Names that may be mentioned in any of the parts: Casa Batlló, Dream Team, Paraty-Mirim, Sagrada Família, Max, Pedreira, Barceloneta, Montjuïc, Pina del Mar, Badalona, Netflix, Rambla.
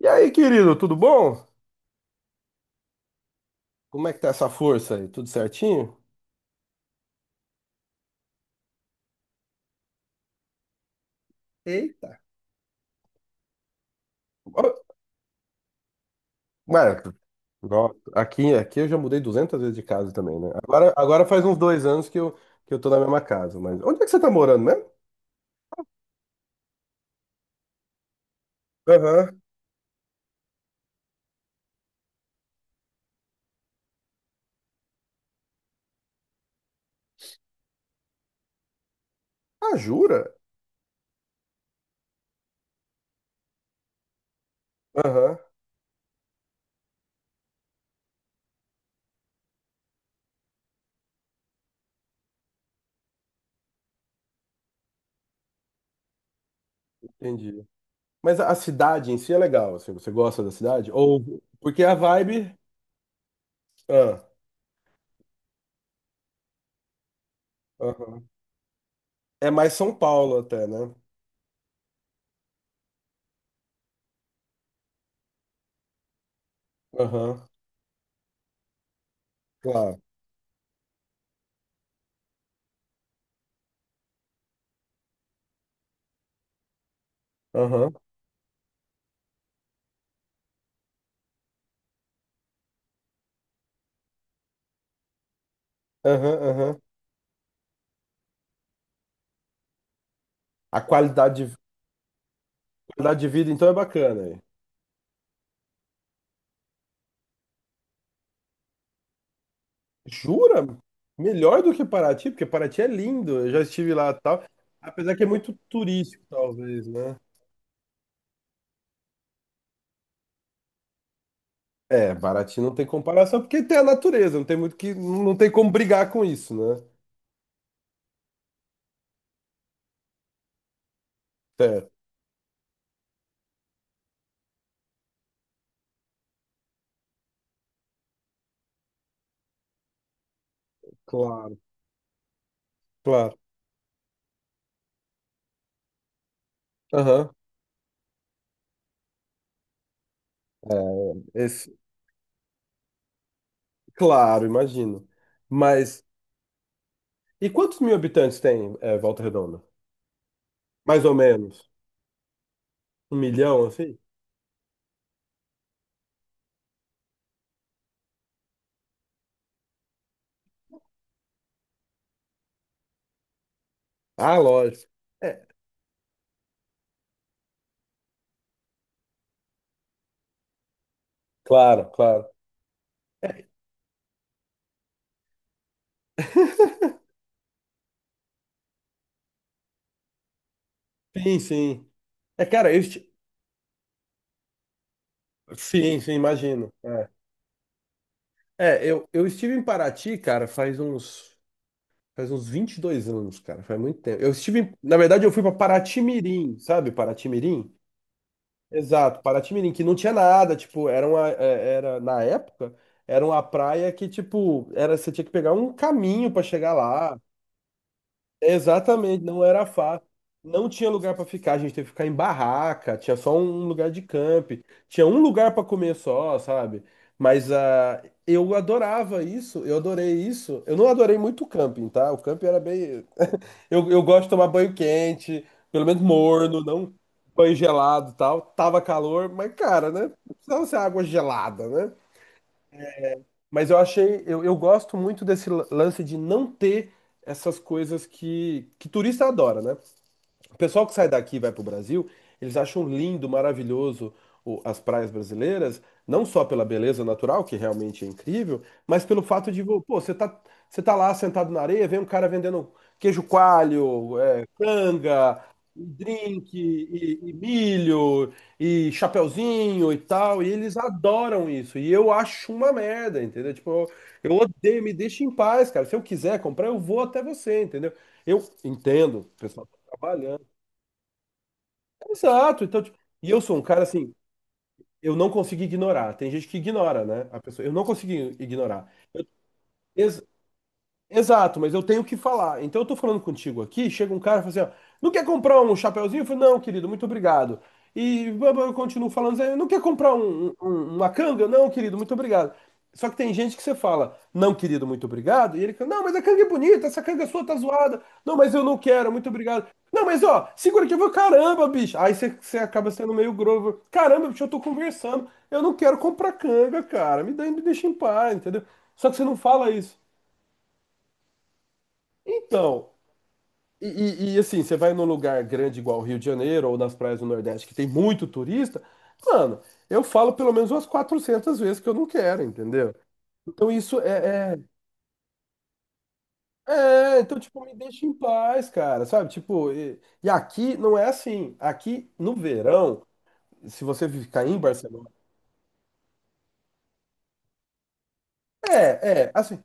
E aí, querido, tudo bom? Como é que tá essa força aí? Tudo certinho? Eita, ó, mano, nossa, aqui eu já mudei 200 vezes de casa também, né? Agora faz uns 2 anos que eu tô na mesma casa, mas onde é que você tá morando mesmo? Aham. Ah, jura? Aham, entendi. Mas a cidade em si é legal, assim, você gosta da cidade? Ou, porque a vibe, ah, aham. É mais São Paulo até, né? Aham, claro. Aham, aham, aham. A qualidade de, qualidade de vida, então, é bacana aí. Jura? Melhor do que Paraty, porque Paraty é lindo, eu já estive lá e tal. Apesar que é muito turístico, talvez, né? É, Paraty não tem comparação, porque tem a natureza, não tem muito que. Não tem como brigar com isso, né? Certo, claro, claro. Aham. é, esse, claro, imagino. Mas. E quantos mil habitantes tem, Volta Redonda? Mais ou menos. Um milhão, assim? Ah, lógico. É, claro, claro. Sim, sim. É, cara, eu. Sim, sim, imagino. É, eu estive em Paraty, cara, faz uns 22 anos, cara, faz muito tempo. Eu estive, na verdade, eu fui para Paraty-Mirim, sabe? Paraty-Mirim? Exato, Paraty-Mirim, que não tinha nada, tipo, era uma, é, era, na época, era uma praia que, tipo, era, você tinha que pegar um caminho para chegar lá. Exatamente, não era fácil. Não tinha lugar para ficar, a gente teve que ficar em barraca, tinha só um lugar de camp, tinha um lugar para comer só, sabe? Mas eu adorava isso, eu adorei isso. Eu não adorei muito o camping, tá? O camping era bem. Eu gosto de tomar banho quente, pelo menos morno, não banho gelado e tal. Tava calor, mas cara, né? Não precisava ser água gelada, né? Mas eu gosto muito desse lance de não ter essas coisas que turista adora, né? O pessoal que sai daqui e vai pro Brasil, eles acham lindo, maravilhoso as praias brasileiras, não só pela beleza natural, que realmente é incrível, mas pelo fato de, pô, você tá lá sentado na areia, vem um cara vendendo queijo coalho, canga, um drink, e milho, e chapeuzinho e tal, e eles adoram isso. E eu acho uma merda, entendeu? Tipo, eu odeio, me deixa em paz, cara. Se eu quiser comprar, eu vou até você, entendeu? Eu entendo, o pessoal tá trabalhando. Exato. Então, tipo, e eu sou um cara assim, eu não consigo ignorar. Tem gente que ignora, né? A pessoa, eu não consigo ignorar. Exato, mas eu tenho que falar. Então eu tô falando contigo aqui, chega um cara e fala assim, ó, não quer comprar um chapeuzinho? Eu falo, não, querido, muito obrigado. E blá, blá, eu continuo falando, assim, não quer comprar uma canga? Não, querido, muito obrigado. Só que tem gente que você fala, não, querido, muito obrigado, e ele fala, não, mas a canga é bonita, essa canga sua tá zoada. Não, mas eu não quero, muito obrigado. Não, mas ó, segura que eu vou, caramba, bicho. Aí você acaba sendo meio grosso. Caramba, bicho, eu tô conversando. Eu não quero comprar canga, cara. Me deixa em paz, entendeu? Só que você não fala isso. Então, assim, você vai num lugar grande igual o Rio de Janeiro ou nas praias do Nordeste que tem muito turista, mano, eu falo pelo menos umas 400 vezes que eu não quero, entendeu? Então isso então tipo, me deixa em paz, cara, sabe? Tipo, e aqui não é assim. Aqui no verão, se você ficar em Barcelona, assim,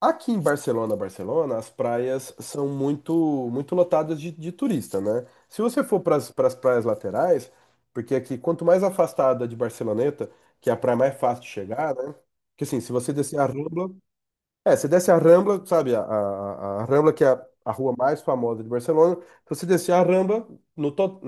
aqui em Barcelona, as praias são muito muito lotadas de turista, né? Se você for para as praias laterais, porque aqui quanto mais afastada de Barceloneta, que é a praia mais fácil de chegar, né? Porque assim, se você descer a Rambla, você desce a Rambla, sabe, a Rambla que é a rua mais famosa de Barcelona, se você descer a Rambla, no total,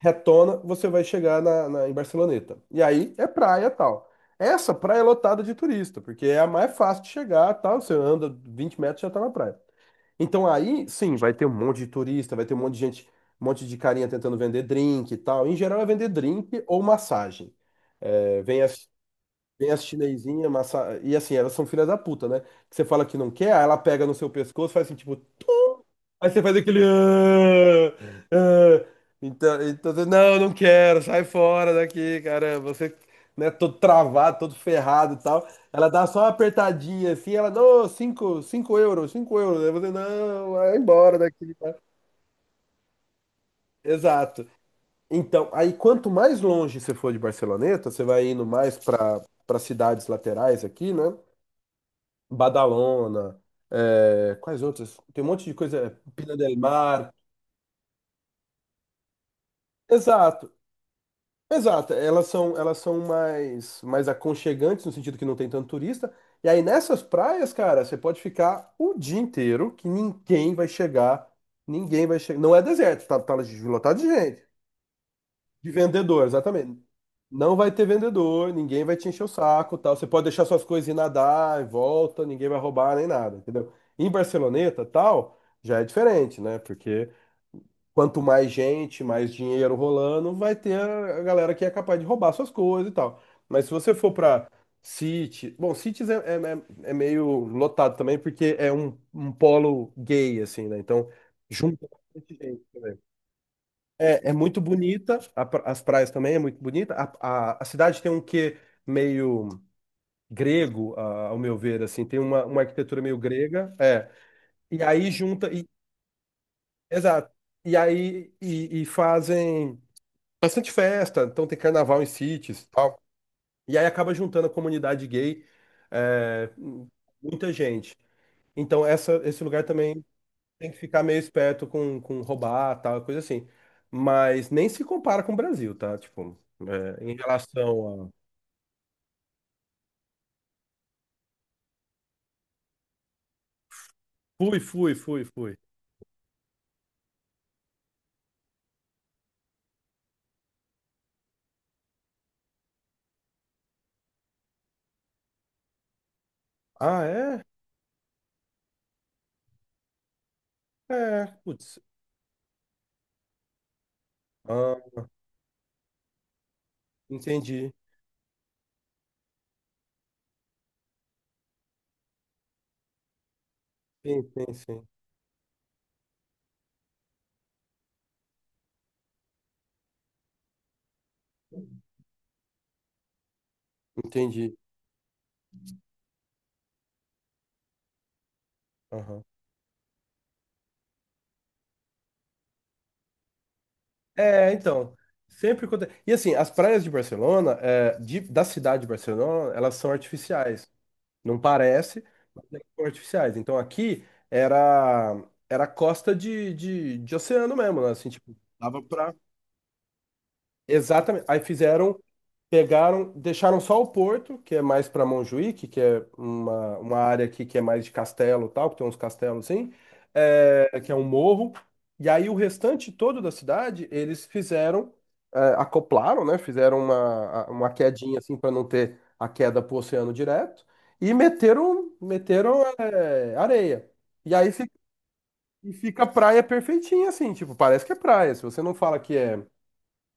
retona, você vai chegar na, em Barceloneta. E aí é praia tal. Essa praia é lotada de turista, porque é a mais fácil de chegar, tal. Você anda 20 metros e já tá na praia. Então aí, sim, vai ter um monte de turista, vai ter um monte de gente, um monte de carinha tentando vender drink e tal. Em geral é vender drink ou massagem. É, vem as chinesinhas, e assim, elas são filhas da puta, né? Que você fala que não quer, aí ela pega no seu pescoço, faz assim, tipo, aí você faz aquele. "Ah, ah". Então, você, não, não quero, sai fora daqui, caramba. Você, né, todo travado, todo ferrado e tal. Ela dá só uma apertadinha assim, ela, não, cinco, 5 euros, 5 euros. Aí você, não, vai embora daqui. Exato. Então, aí quanto mais longe você for de Barceloneta, você vai indo mais para cidades laterais aqui, né? Badalona, quais outras? Tem um monte de coisa, Pina del Mar. Exato. Exato, elas são mais, aconchegantes no sentido que não tem tanto turista. E aí nessas praias, cara, você pode ficar o dia inteiro que ninguém vai chegar, ninguém vai chegar. Não é deserto, tá lotado de gente, de vendedor, exatamente. Não vai ter vendedor, ninguém vai te encher o saco, tal. Você pode deixar suas coisas e nadar e volta, ninguém vai roubar nem nada, entendeu? Em Barceloneta, tal, já é diferente, né? Porque quanto mais gente, mais dinheiro rolando, vai ter a galera que é capaz de roubar suas coisas e tal. Mas se você for pra City, bom, Cities é meio lotado também, porque é um polo gay, assim, né? Então, junta bastante gente também. É muito bonita, a as praias também é muito bonita. A cidade tem um quê meio grego, ao meu ver, assim, tem uma arquitetura meio grega. É. E aí junta, e, exato. E aí e fazem. Bastante festa, então tem carnaval em sítios, e tal. E aí acaba juntando a comunidade gay, é, muita gente. Então esse lugar também tem que ficar meio esperto com roubar, tal, coisa assim. Mas nem se compara com o Brasil, tá? Tipo, em relação a... Fui, fui, fui, fui. Ah, é? É, putz. Ah, entendi. Sim, sim, sim. Entendi. Aham. É, então, sempre acontece. E assim, as praias de Barcelona, da cidade de Barcelona, elas são artificiais. Não parece, mas elas são artificiais. Então aqui era era costa de oceano mesmo, né? Assim, tipo, dava pra. Exatamente. Aí fizeram Pegaram, deixaram só o Porto, que é mais para Montjuïc, que é uma área aqui que é mais de castelo e tal, que tem uns castelos assim, que é um morro. E aí o restante todo da cidade, eles acoplaram, né? Fizeram uma quedinha assim para não ter a queda pro oceano direto e meteram, areia. E aí fica a praia perfeitinha assim, tipo, parece que é praia. Se você não fala que é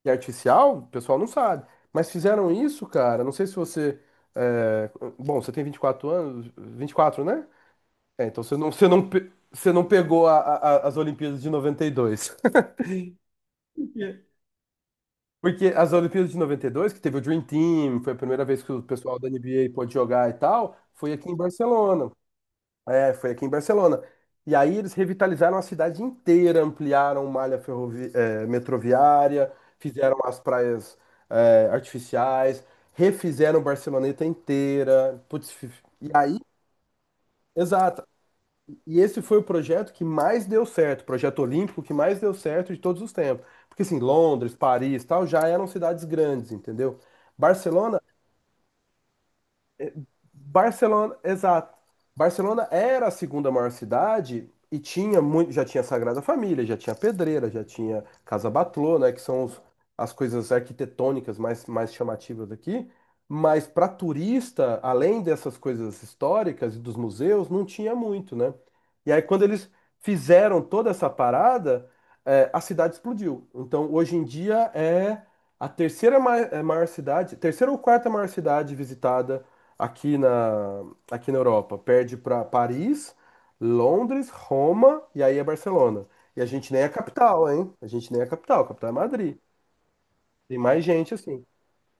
e artificial, o pessoal não sabe. Mas fizeram isso, cara. Não sei se você. é, Bom, você tem 24 anos, 24, né? É, então você não pegou as Olimpíadas de 92, Porque as Olimpíadas de 92, que teve o Dream Team, foi a primeira vez que o pessoal da NBA pôde jogar e tal, foi aqui em Barcelona. É, foi aqui em Barcelona. E aí eles revitalizaram a cidade inteira, ampliaram malha metroviária, fizeram as praias artificiais, refizeram Barceloneta inteira. Putz, e aí, exato. E esse foi o projeto que mais deu certo, o projeto olímpico que mais deu certo de todos os tempos. Porque assim, Londres, Paris, tal, já eram cidades grandes, entendeu? Barcelona Barcelona, exato. Barcelona era a segunda maior cidade e tinha muito, já tinha Sagrada Família, já tinha Pedreira, já tinha Casa Batlló, né, que são as coisas arquitetônicas mais chamativas aqui. Mas para turista, além dessas coisas históricas e dos museus, não tinha muito, né? E aí quando eles fizeram toda essa parada, a cidade explodiu. Então hoje em dia é a terceira maior cidade, terceira ou quarta maior cidade visitada aqui na, aqui na Europa. Perde para Paris, Londres, Roma e aí é Barcelona. E a gente nem é a capital, hein? A gente nem é a capital é Madrid. Tem mais gente assim.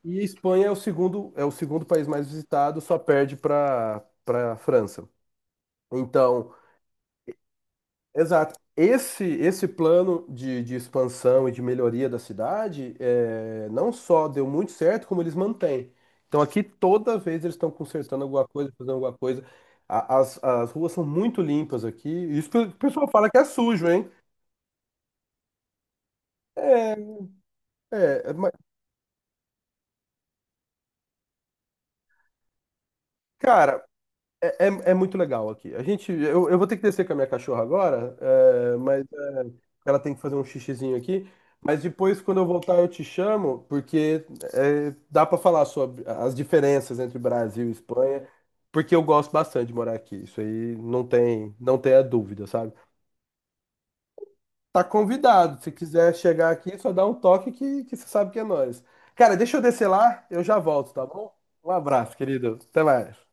E a Espanha é o segundo país mais visitado, só perde para França. Então, exato. Esse plano de expansão e de melhoria da cidade não só deu muito certo, como eles mantêm. Então aqui toda vez eles estão consertando alguma coisa, fazendo alguma coisa. As ruas são muito limpas aqui. Isso que o pessoal fala que é sujo, hein? É, mas, cara, É, é, é muito legal aqui. Eu vou ter que descer com a minha cachorra agora, ela tem que fazer um xixizinho aqui. Mas depois, quando eu voltar, eu te chamo, porque dá para falar sobre as diferenças entre Brasil e Espanha, porque eu gosto bastante de morar aqui. Isso aí não tem a dúvida, sabe? Tá convidado. Se quiser chegar aqui, só dá um toque que você sabe que é nós. Cara, deixa eu descer lá, eu já volto, tá bom? Um abraço, querido. Até mais.